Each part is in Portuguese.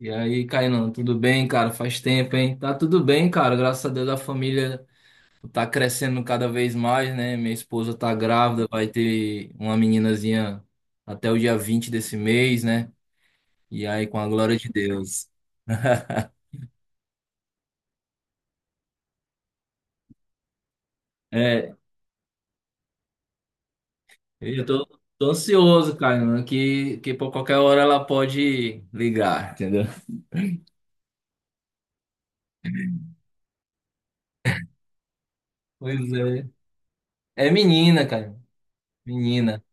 E aí, Kainan, tudo bem, cara? Faz tempo, hein? Tá tudo bem, cara. Graças a Deus a família tá crescendo cada vez mais, né? Minha esposa tá grávida, vai ter uma meninazinha até o dia 20 desse mês, né? E aí, com a glória de Deus. É, eu tô ansioso, Kainan, que por qualquer hora ela pode ligar, entendeu? Pois é. É menina, cara. Menina.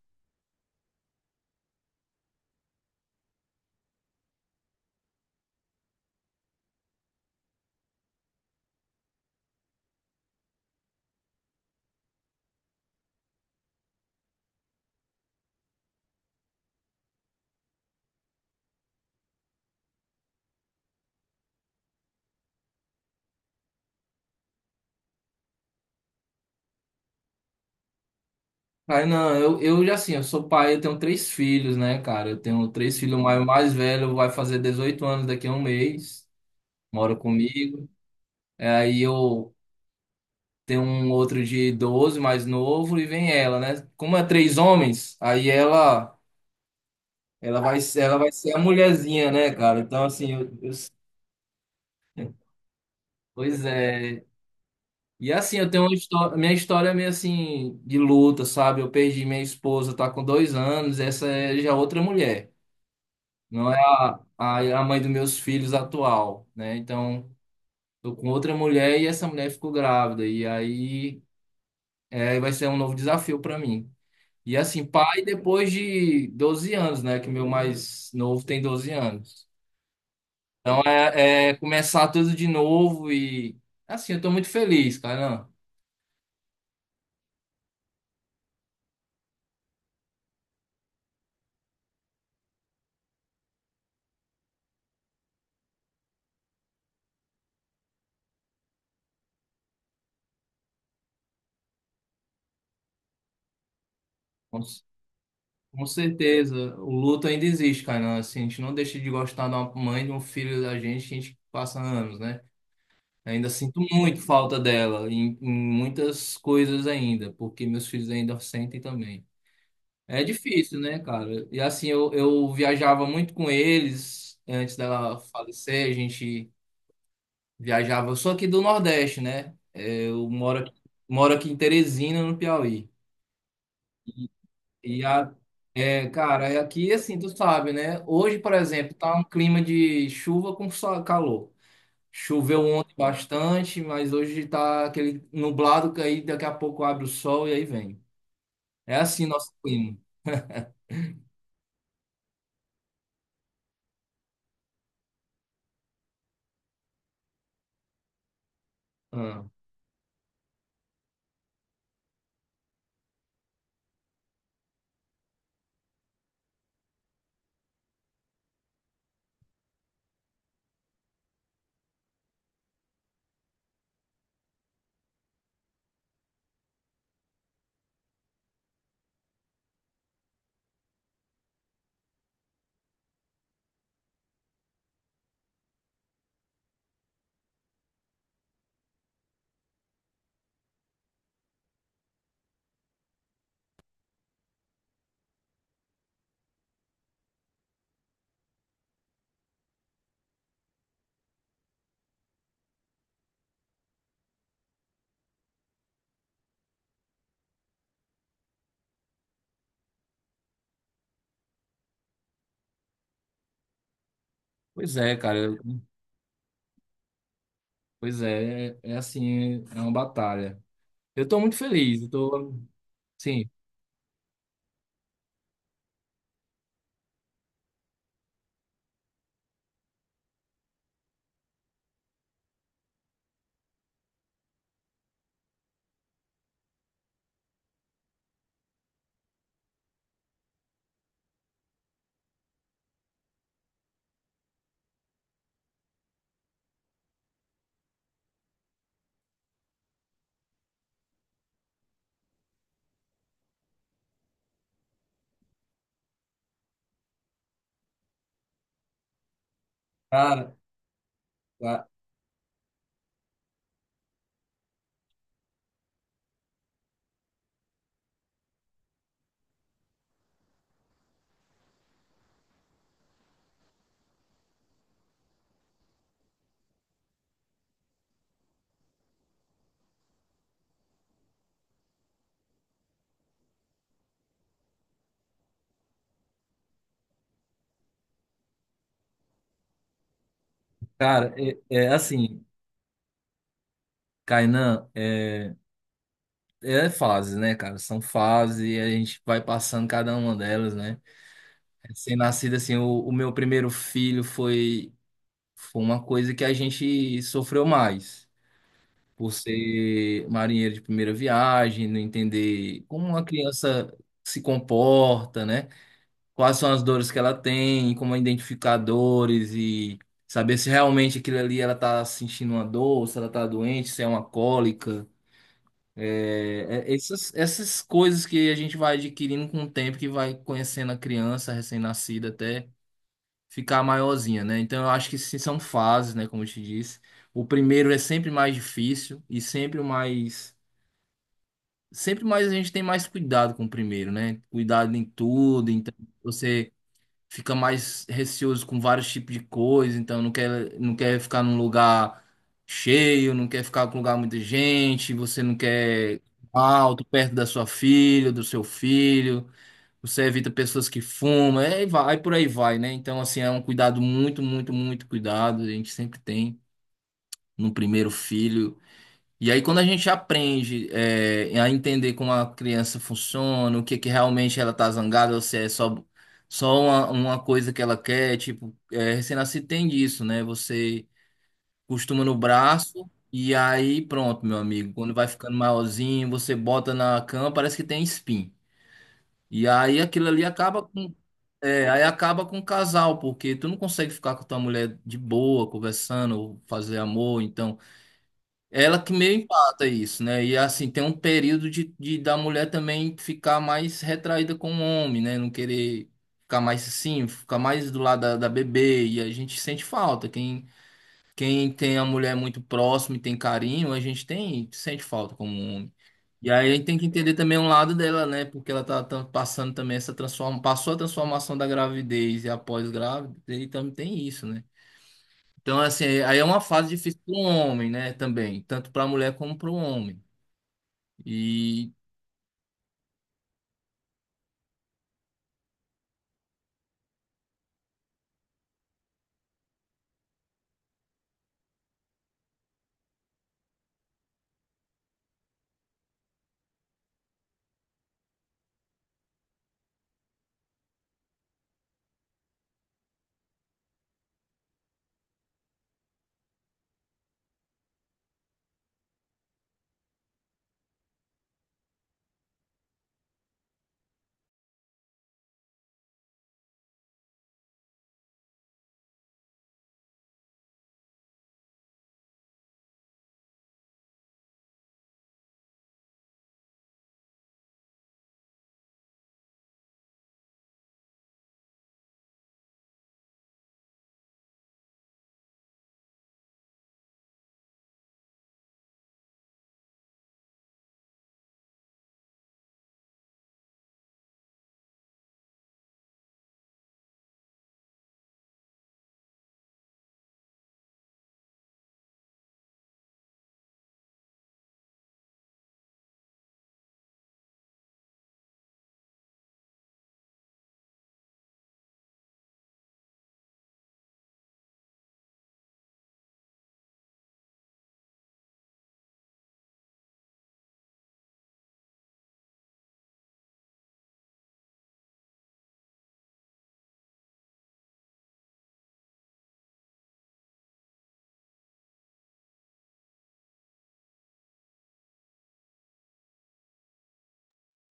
Aí não, eu já assim, eu sou pai, eu tenho três filhos, né, cara? Eu tenho três filhos, o mais velho vai fazer 18 anos daqui a um mês, mora comigo. É, aí eu tenho um outro de 12 mais novo, e vem ela, né? Como é três homens, aí ela vai ser a mulherzinha, né, cara? Então, assim, pois é. E assim, eu tenho uma história, minha história é meio assim, de luta, sabe? Eu perdi minha esposa, tá com 2 anos, essa é já outra mulher. Não é a mãe dos meus filhos atual, né? Então, tô com outra mulher e essa mulher ficou grávida. E aí vai ser um novo desafio para mim. E assim, pai depois de 12 anos, né? Que meu mais novo tem 12 anos. Então é começar tudo de novo e assim, eu tô muito feliz, Kainan. Com, com certeza. O luto ainda existe, Kainan. Assim, a gente não deixa de gostar de uma mãe, de um filho da gente, a gente passa anos, né? Ainda sinto muito falta dela em muitas coisas ainda, porque meus filhos ainda sentem também. É difícil, né, cara? E assim, eu viajava muito com eles antes dela falecer, a gente viajava. Eu sou aqui do Nordeste, né? É, eu moro aqui em Teresina, no Piauí. E a, É, cara, é aqui assim, tu sabe, né? Hoje, por exemplo, tá um clima de chuva com calor. Choveu ontem bastante, mas hoje tá aquele nublado que aí daqui a pouco abre o sol e aí vem. É assim nosso clima. Ah, pois é, cara. Pois é, é assim, é uma batalha. Eu tô muito feliz, sim, cara, ca- cara, é assim, Kainan, é fase, né, cara? São fases e a gente vai passando cada uma delas, né? Sem nascido, assim, o meu primeiro filho foi uma coisa que a gente sofreu mais. Por ser marinheiro de primeira viagem, não entender como uma criança se comporta, né? Quais são as dores que ela tem, como é identificar dores e saber se realmente aquilo ali ela tá sentindo uma dor, se ela tá doente, se é uma cólica. É, é- essas, essas coisas que a gente vai adquirindo com o tempo, que vai conhecendo a criança recém-nascida até ficar maiorzinha, né? Então eu acho que sim, são fases, né? Como eu te disse. O primeiro é sempre mais difícil e sempre o mais sempre mais a gente tem mais cuidado com o primeiro, né? Cuidado em tudo, então você fica mais receoso com vários tipos de coisa, então não quer ficar num lugar cheio, não quer ficar com lugar muita gente, você não quer alto, perto da sua filha, do seu filho, você evita pessoas que fumam, é, e vai, por aí vai, né? Então, assim, é um cuidado muito, muito, muito cuidado, a gente sempre tem no primeiro filho. E aí, quando a gente aprende é, a entender como a criança funciona, o que que realmente ela tá zangada, ou se é só uma coisa que ela quer, tipo, é, recém-nascido tem disso, né? Você costuma no braço e aí pronto, meu amigo. Quando vai ficando maiorzinho, você bota na cama, parece que tem espinho. E aí aquilo ali acaba com o casal, porque tu não consegue ficar com tua mulher de boa, conversando, ou fazer amor, então. Ela que meio empata isso, né? E assim, tem um período de da mulher também ficar mais retraída com o homem, né? Não querer ficar mais assim, ficar mais do lado da, da bebê. E a gente sente falta. Quem tem a mulher muito próxima e tem carinho, a gente tem, sente falta como homem. E aí a gente tem que entender também um lado dela, né? Porque ela tá passando também essa transformação, passou a transformação da gravidez e após grávida, e também tem isso, né? Então, assim, aí é uma fase difícil para o homem, né? Também, tanto para a mulher como para o homem. E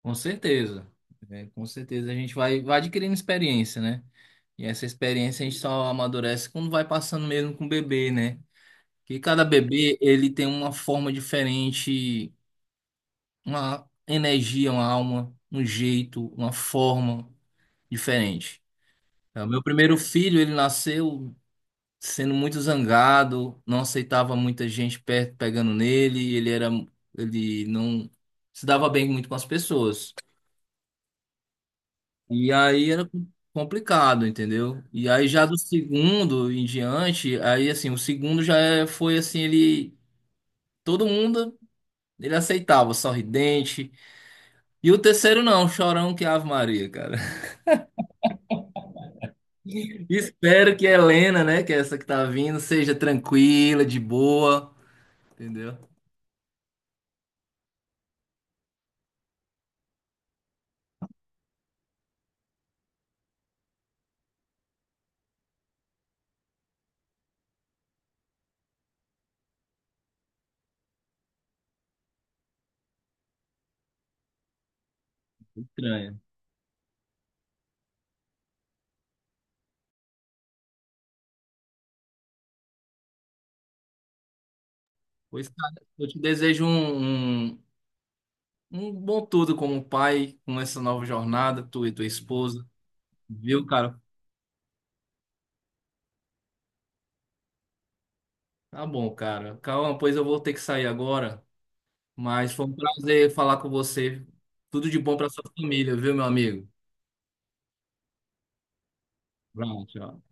com certeza, né, com certeza a gente vai adquirindo experiência, né? E essa experiência a gente só amadurece quando vai passando mesmo com o bebê, né? Que cada bebê ele tem uma forma diferente, uma energia, uma alma, um jeito, uma forma diferente. Então, meu primeiro filho, ele nasceu sendo muito zangado, não aceitava muita gente perto pegando nele, ele era, ele não se dava bem muito com as pessoas. E aí era complicado, entendeu? E aí já do segundo em diante, aí assim, o segundo já foi assim, ele todo mundo ele aceitava, sorridente. E o terceiro não, chorão que Ave Maria, cara. Espero que a Helena, né, que é essa que tá vindo, seja tranquila, de boa, entendeu? Estranho. Pois, cara, eu te desejo um, um, um bom tudo como pai, com essa nova jornada, tu e tua esposa, viu, cara? Tá bom, cara. Calma, pois eu vou ter que sair agora, mas foi um prazer falar com você. Tudo de bom pra sua família, viu, meu amigo? Tchau, tchau.